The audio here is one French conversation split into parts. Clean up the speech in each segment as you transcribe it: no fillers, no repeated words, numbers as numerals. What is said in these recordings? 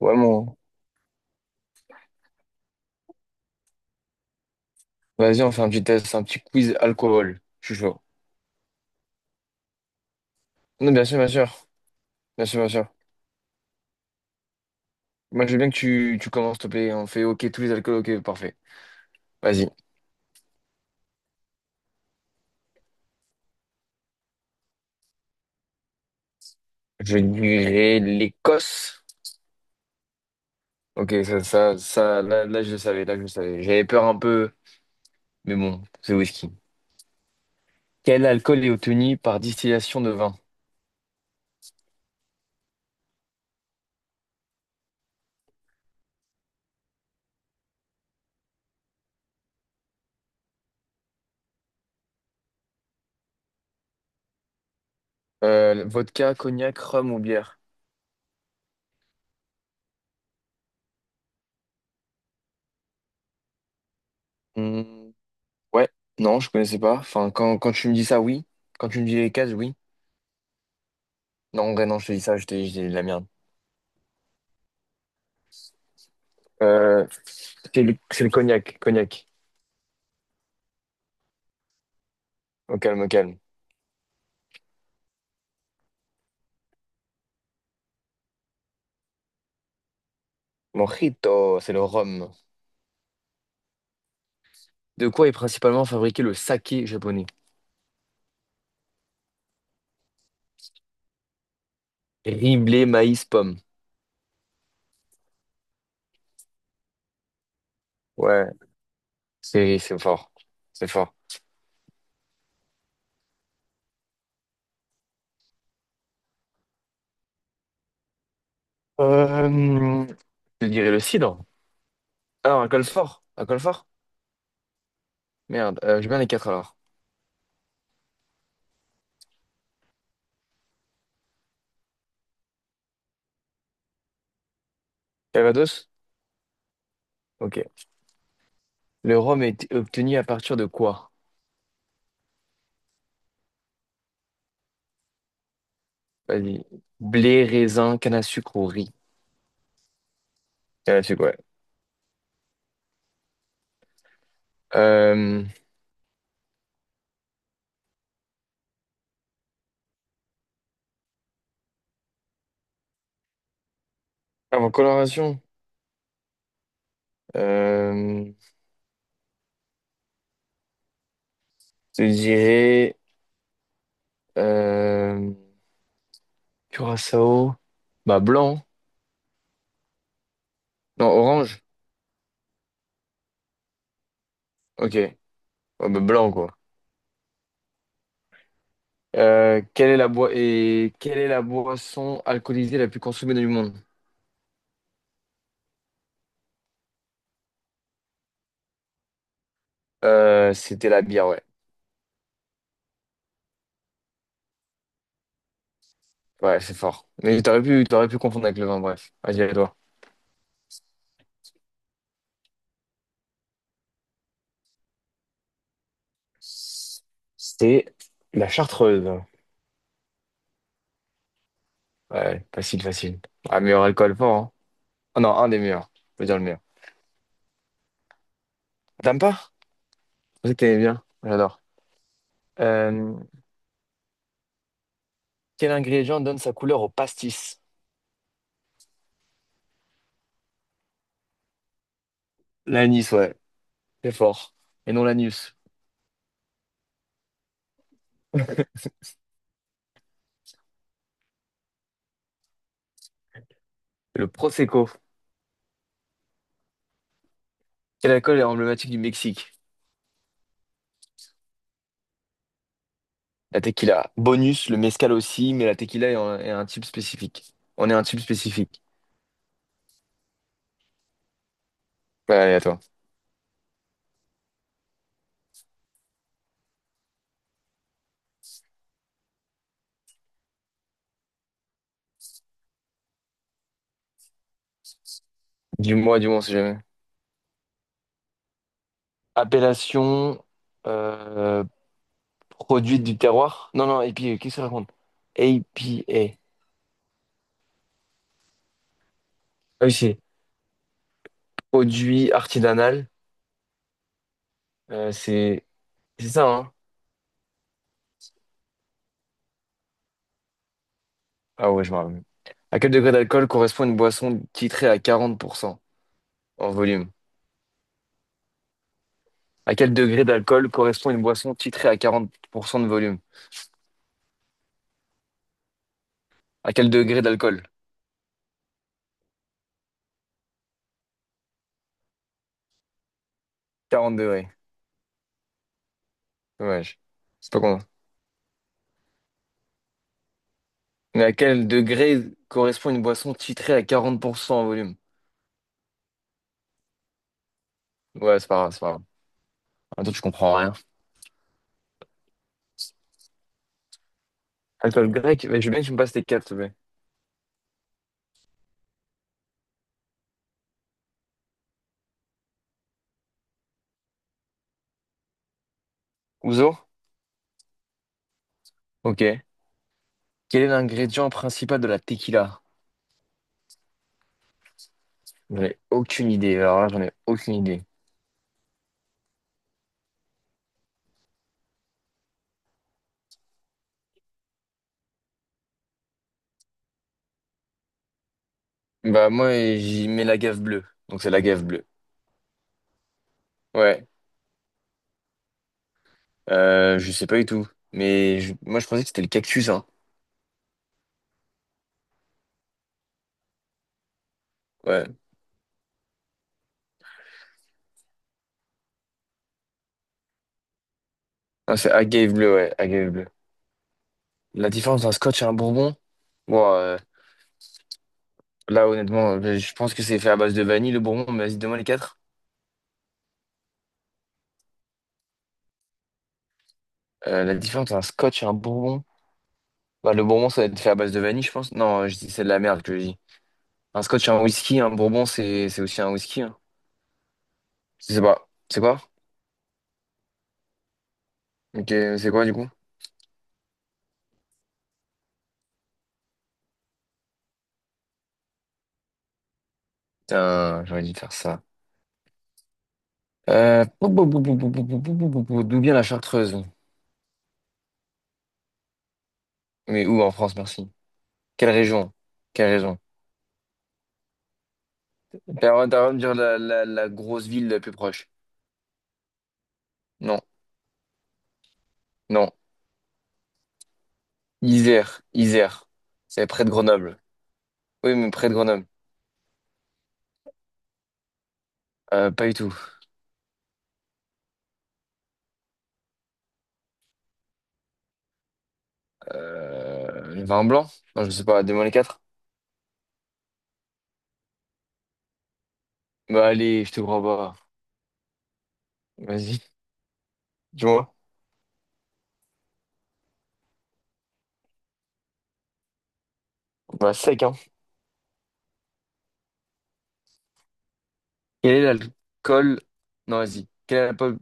Ouais, mon. Vas-y, on fait un petit test, un petit quiz alcool. Je suis chaud. Non, bien sûr, bien sûr. Bien sûr, bien sûr. Moi, je veux bien que tu commences, s'il te plaît. On fait OK, tous les alcools, OK, parfait. Vas-y. Je dirais l'Écosse. OK, ça, je le savais, là, je le savais. J'avais peur un peu, mais bon, c'est whisky. Quel alcool est obtenu par distillation de vin? Vodka, cognac, rhum ou bière? Hmm, ouais, non, je connaissais pas. Enfin, quand tu me dis ça, oui. Quand tu me dis les cases, oui. Non, en vrai, non, je te dis ça, je te dis de la merde. Euh, c'est le cognac, cognac. Au calme, au calme. Mojito, c'est le rhum. De quoi est principalement fabriqué le saké japonais? Riz, blé, maïs, pomme. Ouais, c'est fort. C'est fort. Euh, Je dirais le cidre. Alors, alcool fort. Alcool fort? Merde, j'ai bien les quatre alors. Calvados? Ok. Le rhum est obtenu à partir de quoi? Vas-y. Blé, raisin, canne à sucre ou riz? Canne à sucre, ouais. Euh, Avant coloration, euh, je dirais. Euh, Curaçao. Bah blanc. Non, orange. Ok. Ouais, bah, blanc quoi. Quelle est la boi- et quelle est la boisson alcoolisée la plus consommée du monde? C'était la bière, ouais. Ouais, c'est fort. Mais t'aurais pu confondre avec le vin, bref. Vas-y, à toi. C'était la chartreuse. Ouais, facile, facile. Ah, meilleur alcool fort, hein. Ah non, un des meilleurs. Je veux dire le meilleur. T'aimes pas? Je pensais que t'aimais bien. J'adore. Euh, Quel ingrédient donne sa couleur au pastis? L'anis, ouais. C'est fort. Et non l'anus. Le Prosecco. Quel alcool est emblématique du Mexique? La tequila. Bonus, le mezcal aussi, mais la tequila est un type spécifique. On est un type spécifique. Ouais, allez, à toi. Dis-moi, dis-moi, on sait jamais. Appellation euh, produit du terroir. Non, non, APA, qu'est-ce que ça raconte? APA. Ah oui, c'est produit artisanal. Euh, c'est c'est ça, hein? Ah ouais, je me rappelle. À quel degré d'alcool correspond une boisson titrée à 40% en volume? À quel degré d'alcool correspond une boisson titrée à 40% de volume? À quel degré d'alcool? 40 degrés. Dommage. C'est pas con. Mais à quel degré correspond une boisson titrée à 40% en volume? Ouais, c'est pas grave. Attends, tu comprends rien. Alcool grec? Mais je veux bien que tu me passes tes quatre, s'il te plaît. Ouzo? Ok. Quel est l'ingrédient principal de la tequila? J'en ai aucune idée. Alors là, j'en ai aucune idée. Bah, moi, j'y mets la gaffe bleue. Donc, c'est la gaffe bleue. Ouais. Je sais pas du tout. Mais moi, je pensais que c'était le cactus, hein. Ouais. Non, c'est agave bleu, ouais, agave bleu. La différence d'un scotch et un bourbon, bon, là honnêtement, je pense que c'est fait à base de vanille le bourbon, mais vas-y, donne-moi les quatre. La différence d'un scotch et un bourbon, bah, le bourbon ça va être fait à base de vanille, je pense. Non, c'est de la merde que je dis. Un scotch et un whisky, un bourbon c'est aussi un whisky. Hein. Je sais pas. C'est quoi? Ok, c'est quoi du coup? Putain, j'aurais dû faire ça. Pou- pou- pou- pou- pou- pou- pou- pou- pou- pou- pou- D'où vient la Chartreuse? Mais où en France, merci. Quelle région? Quelle région? T'as le droit de me dire la grosse ville la plus proche. Non, non. Isère, Isère. C'est près de Grenoble. Oui, mais près de Grenoble. Pas du tout. Le vin blanc? Non, je sais pas, donne-moi les quatre. Bah allez, je te crois pas. Vas-y, dis-moi. Bah sec, hein. Quel est l'alcool? Non, vas-y. Quel est l'alcool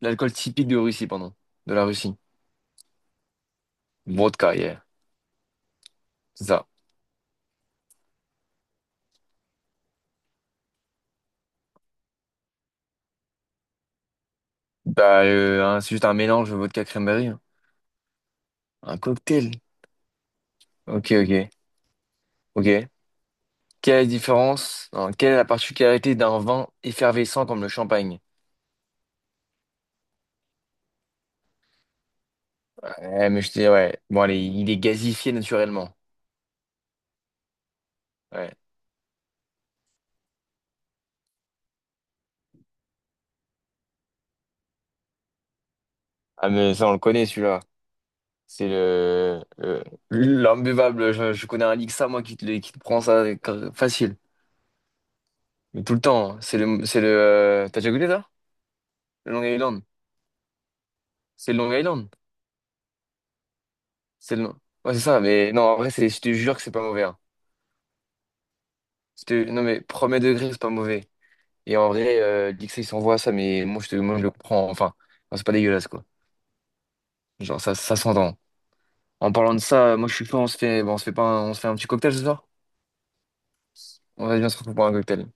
l'alcool typique de Russie, pardon? De la Russie. Vodka, yeah. C'est ça. Bah, hein, c'est juste un mélange de vodka cranberry, hein. Un cocktail. Ok, ok, ok. Quelle est la différence? Non, quelle est la particularité d'un vin effervescent comme le champagne? Ouais, mais je dis, ouais. Bon, allez, il est gazifié naturellement. Ouais. Ah, mais ça, on le connaît, celui-là. C'est le, le- L'imbuvable. Je connais un Lixa, moi, qui te prend ça facile. Mais tout le temps, hein. T'as déjà goûté ça? Le Long Island. C'est le Long Island. C'est le, ouais, c'est ça. Mais non, en vrai, c'est, je te jure que c'est pas mauvais, hein. Non, mais premier degré, c'est pas mauvais. Et en vrai, Lixa, il s'envoie ça, mais moi, je le prends. Enfin, non, c'est pas dégueulasse, quoi. Genre, ça s'entend. En parlant de ça, moi je suis chaud, on se fait, bon, on se fait pas un, on se fait un petit cocktail ce soir? On va bien se retrouver pour un cocktail.